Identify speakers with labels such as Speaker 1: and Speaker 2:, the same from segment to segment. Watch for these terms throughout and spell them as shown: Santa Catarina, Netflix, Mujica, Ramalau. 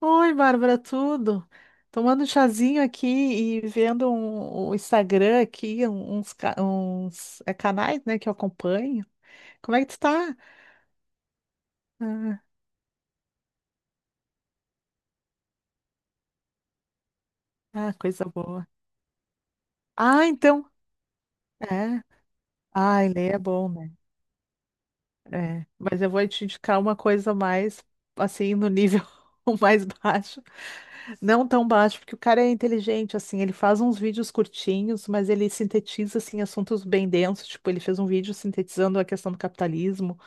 Speaker 1: Oi, Bárbara, tudo? Tomando um chazinho aqui e vendo o Instagram aqui, um- uns, ca- uns, é, canais, né, que eu acompanho. Como é que tu tá? Ah, ah, coisa boa. Ah, então, é. Ai, ler é bom, né? É. Mas eu vou te indicar uma coisa mais, assim, no nível mais baixo. Não tão baixo, porque o cara é inteligente, assim, ele faz uns vídeos curtinhos, mas ele sintetiza, assim, assuntos bem densos. Tipo, ele fez um vídeo sintetizando a questão do capitalismo,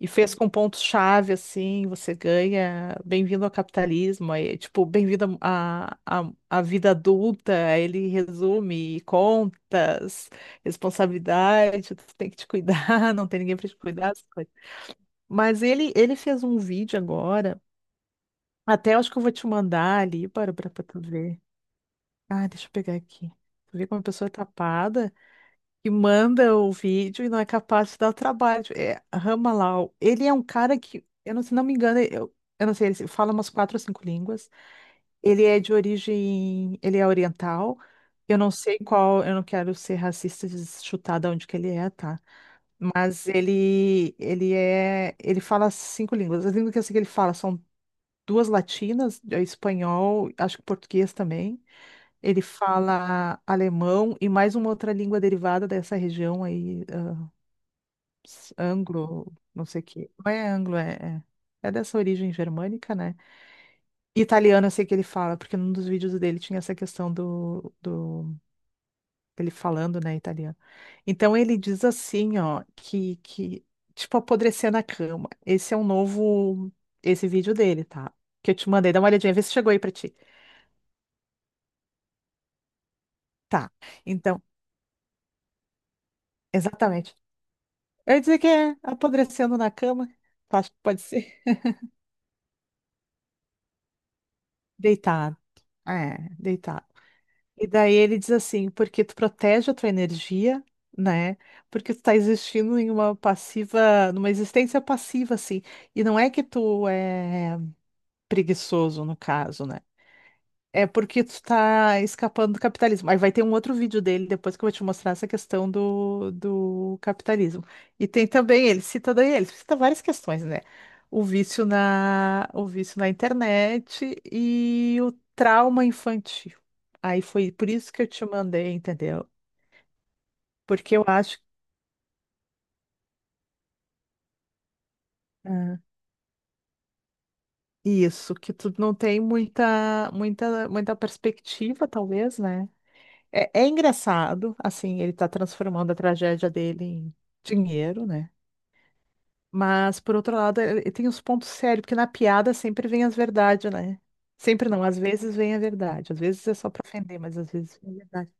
Speaker 1: e fez com pontos-chave, assim, você ganha bem-vindo ao capitalismo, aí, tipo, bem-vindo à vida adulta, aí ele resume contas, responsabilidade, tu tem que te cuidar, não tem ninguém para te cuidar, essas coisas. Mas ele fez um vídeo agora, até acho que eu vou te mandar ali, para tu ver. Ah, deixa eu pegar aqui. Tu vê como a pessoa é tapada? Que manda o vídeo e não é capaz de dar o trabalho. É Ramalau. Ele é um cara que, eu não, se não me engano, eu não sei, ele fala umas quatro ou cinco línguas. Ele é de origem, ele é oriental. Eu não sei qual, eu não quero ser racista e chutar de onde que ele é, tá? Mas ele fala cinco línguas. As línguas que eu sei que ele fala são duas latinas, é espanhol, acho que português também. Ele fala alemão e mais uma outra língua derivada dessa região aí, anglo, não sei o quê. Não é anglo, é é dessa origem germânica, né? Italiano, eu sei que ele fala, porque num dos vídeos dele tinha essa questão do ele falando, né, italiano. Então ele diz assim, ó, que tipo apodrecer na cama. Esse é um novo, esse vídeo dele, tá? Que eu te mandei, dá uma olhadinha, vê se chegou aí pra ti. Tá. Então, exatamente. Eu ia dizer que é apodrecendo na cama. Tu acha que pode ser? Deitado. É, deitado. E daí ele diz assim, porque tu protege a tua energia, né? Porque tu tá existindo em uma passiva, numa existência passiva, assim. E não é que tu é preguiçoso, no caso, né? É porque tu tá escapando do capitalismo. Aí vai ter um outro vídeo dele depois que eu vou te mostrar essa questão do capitalismo. E tem também, ele cita daí, ele cita várias questões, né? O vício na internet e o trauma infantil. Aí foi por isso que eu te mandei, entendeu? Porque eu acho ah, isso, que tu não tem muita, muita, muita perspectiva, talvez, né? É engraçado, assim, ele tá transformando a tragédia dele em dinheiro, né? Mas, por outro lado, ele tem os pontos sérios, porque na piada sempre vem as verdades, né? Sempre não, às vezes vem a verdade, às vezes é só pra ofender, mas às vezes vem a verdade.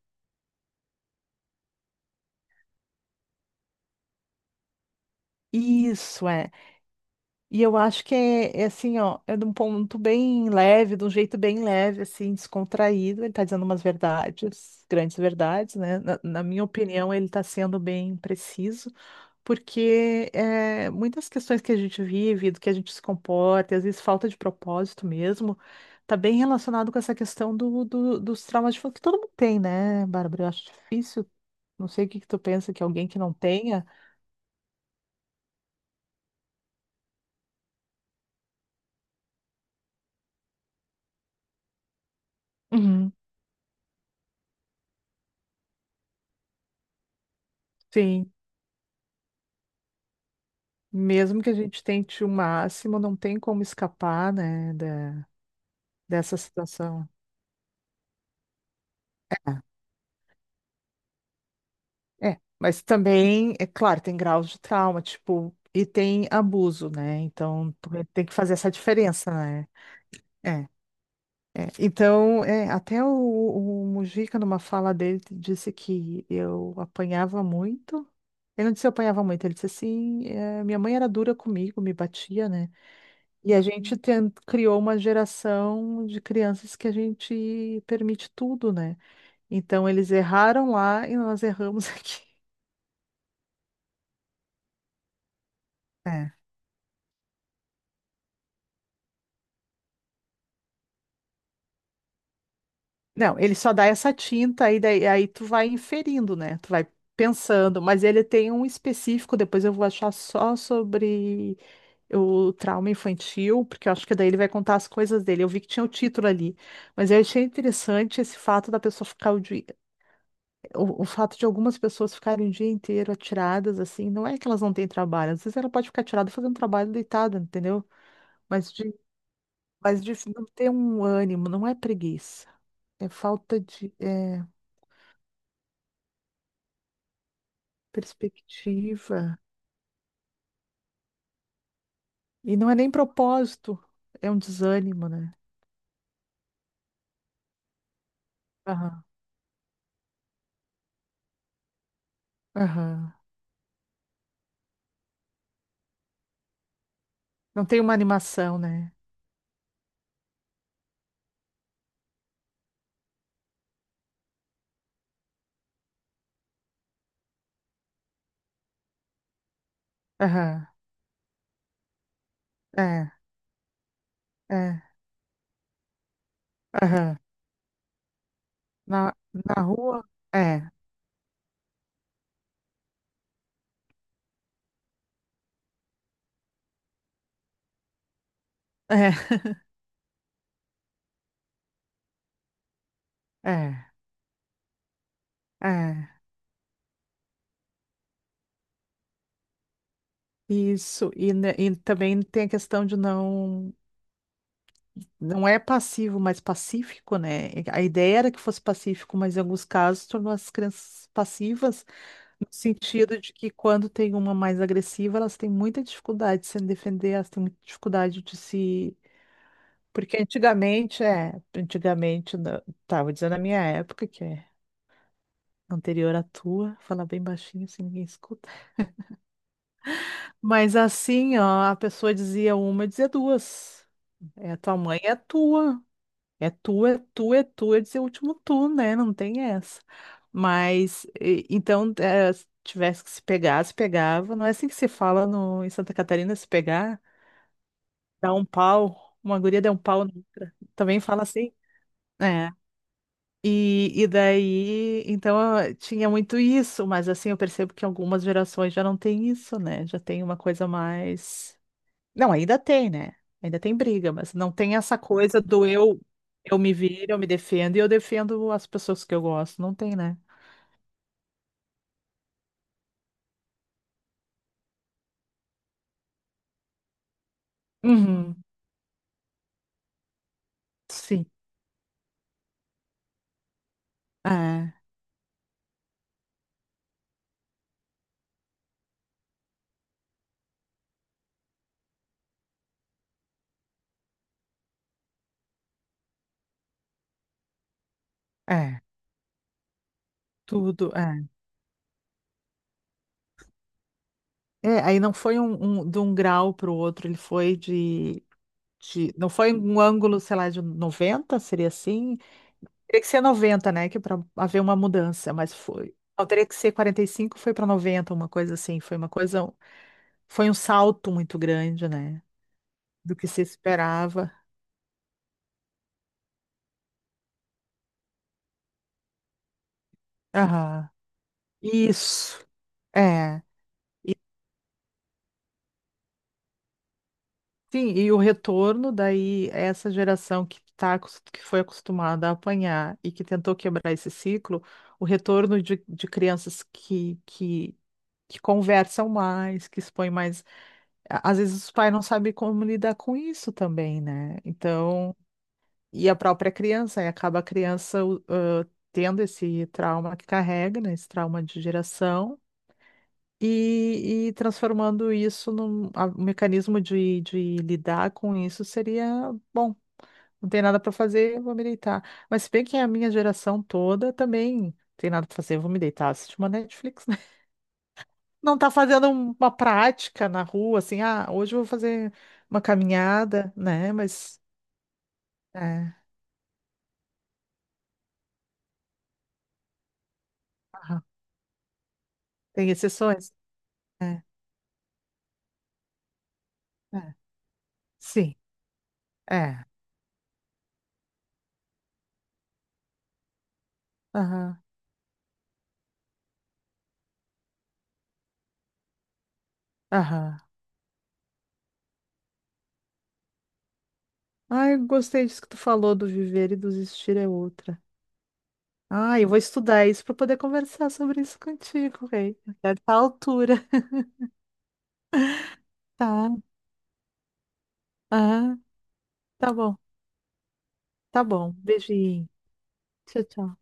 Speaker 1: Isso é. E eu acho que é assim, ó, é de um ponto bem leve, de um jeito bem leve, assim, descontraído. Ele tá dizendo umas verdades, grandes verdades, né? Na minha opinião, ele tá sendo bem preciso. Porque muitas questões que a gente vive, do que a gente se comporta, e às vezes falta de propósito mesmo, tá bem relacionado com essa questão dos traumas de infância, que todo mundo tem, né, Bárbara? Eu acho difícil, não sei o que que tu pensa que alguém que não tenha, Uhum. Sim, mesmo que a gente tente o máximo, não tem como escapar, né, dessa situação. É, mas também, é claro, tem graus de trauma, tipo, e tem abuso, né? Então, tu tem que fazer essa diferença, né? É. É, então, até o Mujica, numa fala dele, disse que eu apanhava muito. Ele não disse eu apanhava muito, ele disse assim, minha mãe era dura comigo, me batia, né? E a gente criou uma geração de crianças que a gente permite tudo, né? Então, eles erraram lá e nós erramos aqui. É. Não, ele só dá essa tinta aí, daí, aí tu vai inferindo, né? Tu vai pensando, mas ele tem um específico, depois eu vou achar só sobre o trauma infantil, porque eu acho que daí ele vai contar as coisas dele. Eu vi que tinha o título ali, mas eu achei interessante esse fato da pessoa ficar o dia, o fato de algumas pessoas ficarem o dia inteiro atiradas, assim, não é que elas não têm trabalho, às vezes ela pode ficar atirada fazendo trabalho deitada, entendeu? Mas de, mas de não ter um ânimo, não é preguiça, é falta de perspectiva, e não é nem propósito, é um desânimo, né? Aham, aham. Não tem uma animação, né? Aham, é. É. Aham. Na, na rua? É, é, é, é. Isso. E também tem a questão de não. Não é passivo, mas pacífico, né? A ideia era que fosse pacífico, mas em alguns casos tornou as crianças passivas, no sentido de que quando tem uma mais agressiva, elas têm muita dificuldade de se defender, elas têm muita dificuldade de se. Porque antigamente, antigamente, tá, vou dizer na minha época, que é anterior à tua, falar bem baixinho, assim ninguém escuta. Mas assim, ó, a pessoa dizia uma, eu dizia duas. É, tua mãe é tua. É tua, é tua, é tua. Eu dizia o último tu, né? Não tem essa. Mas, então, se tivesse que se pegar, se pegava. Não é assim que se fala em Santa Catarina, se pegar, dá um pau. Uma guria deu um pau na outra. Também fala assim. É. E daí, então, eu tinha muito isso, mas assim, eu percebo que algumas gerações já não tem isso, né? Já tem uma coisa mais. Não, ainda tem, né? Ainda tem briga, mas não tem essa coisa do eu me viro, eu me defendo e eu defendo as pessoas que eu gosto. Não tem, né? Uhum. Sim. É, é. Tudo, é. É, aí não foi de um grau para o outro, ele foi de. Não foi um ângulo, sei lá, de 90 seria assim? Teria que ser 90, né? Que para haver uma mudança, mas foi. Não, teria que ser 45 foi para noventa, uma coisa assim. Foi uma coisa. Foi um salto muito grande, né? Do que se esperava. Aham. Isso. É. Sim, e o retorno daí, é essa geração que tá, que foi acostumada a apanhar e que tentou quebrar esse ciclo, o retorno de crianças que conversam mais, que expõem mais. Às vezes os pais não sabem como lidar com isso também, né? Então, e a própria criança, aí acaba a criança tendo esse trauma que carrega, né? Esse trauma de geração. E transformando isso um mecanismo de lidar com isso seria bom. Não tem nada para fazer, vou me deitar. Mas se bem que a minha geração toda também não tem nada para fazer, vou me deitar, assistir uma Netflix, né? Não tá fazendo uma prática na rua, assim, ah, hoje eu vou fazer uma caminhada, né? Mas é, aham, tem exceções. É, é, sim, é. Aham, aham. Ai, gostei disso que tu falou do viver e do existir é outra. Ah, eu vou estudar isso para poder conversar sobre isso contigo, rei. Até essa altura. Tá. Ah, tá bom. Tá bom. Beijinho. Tchau, tchau.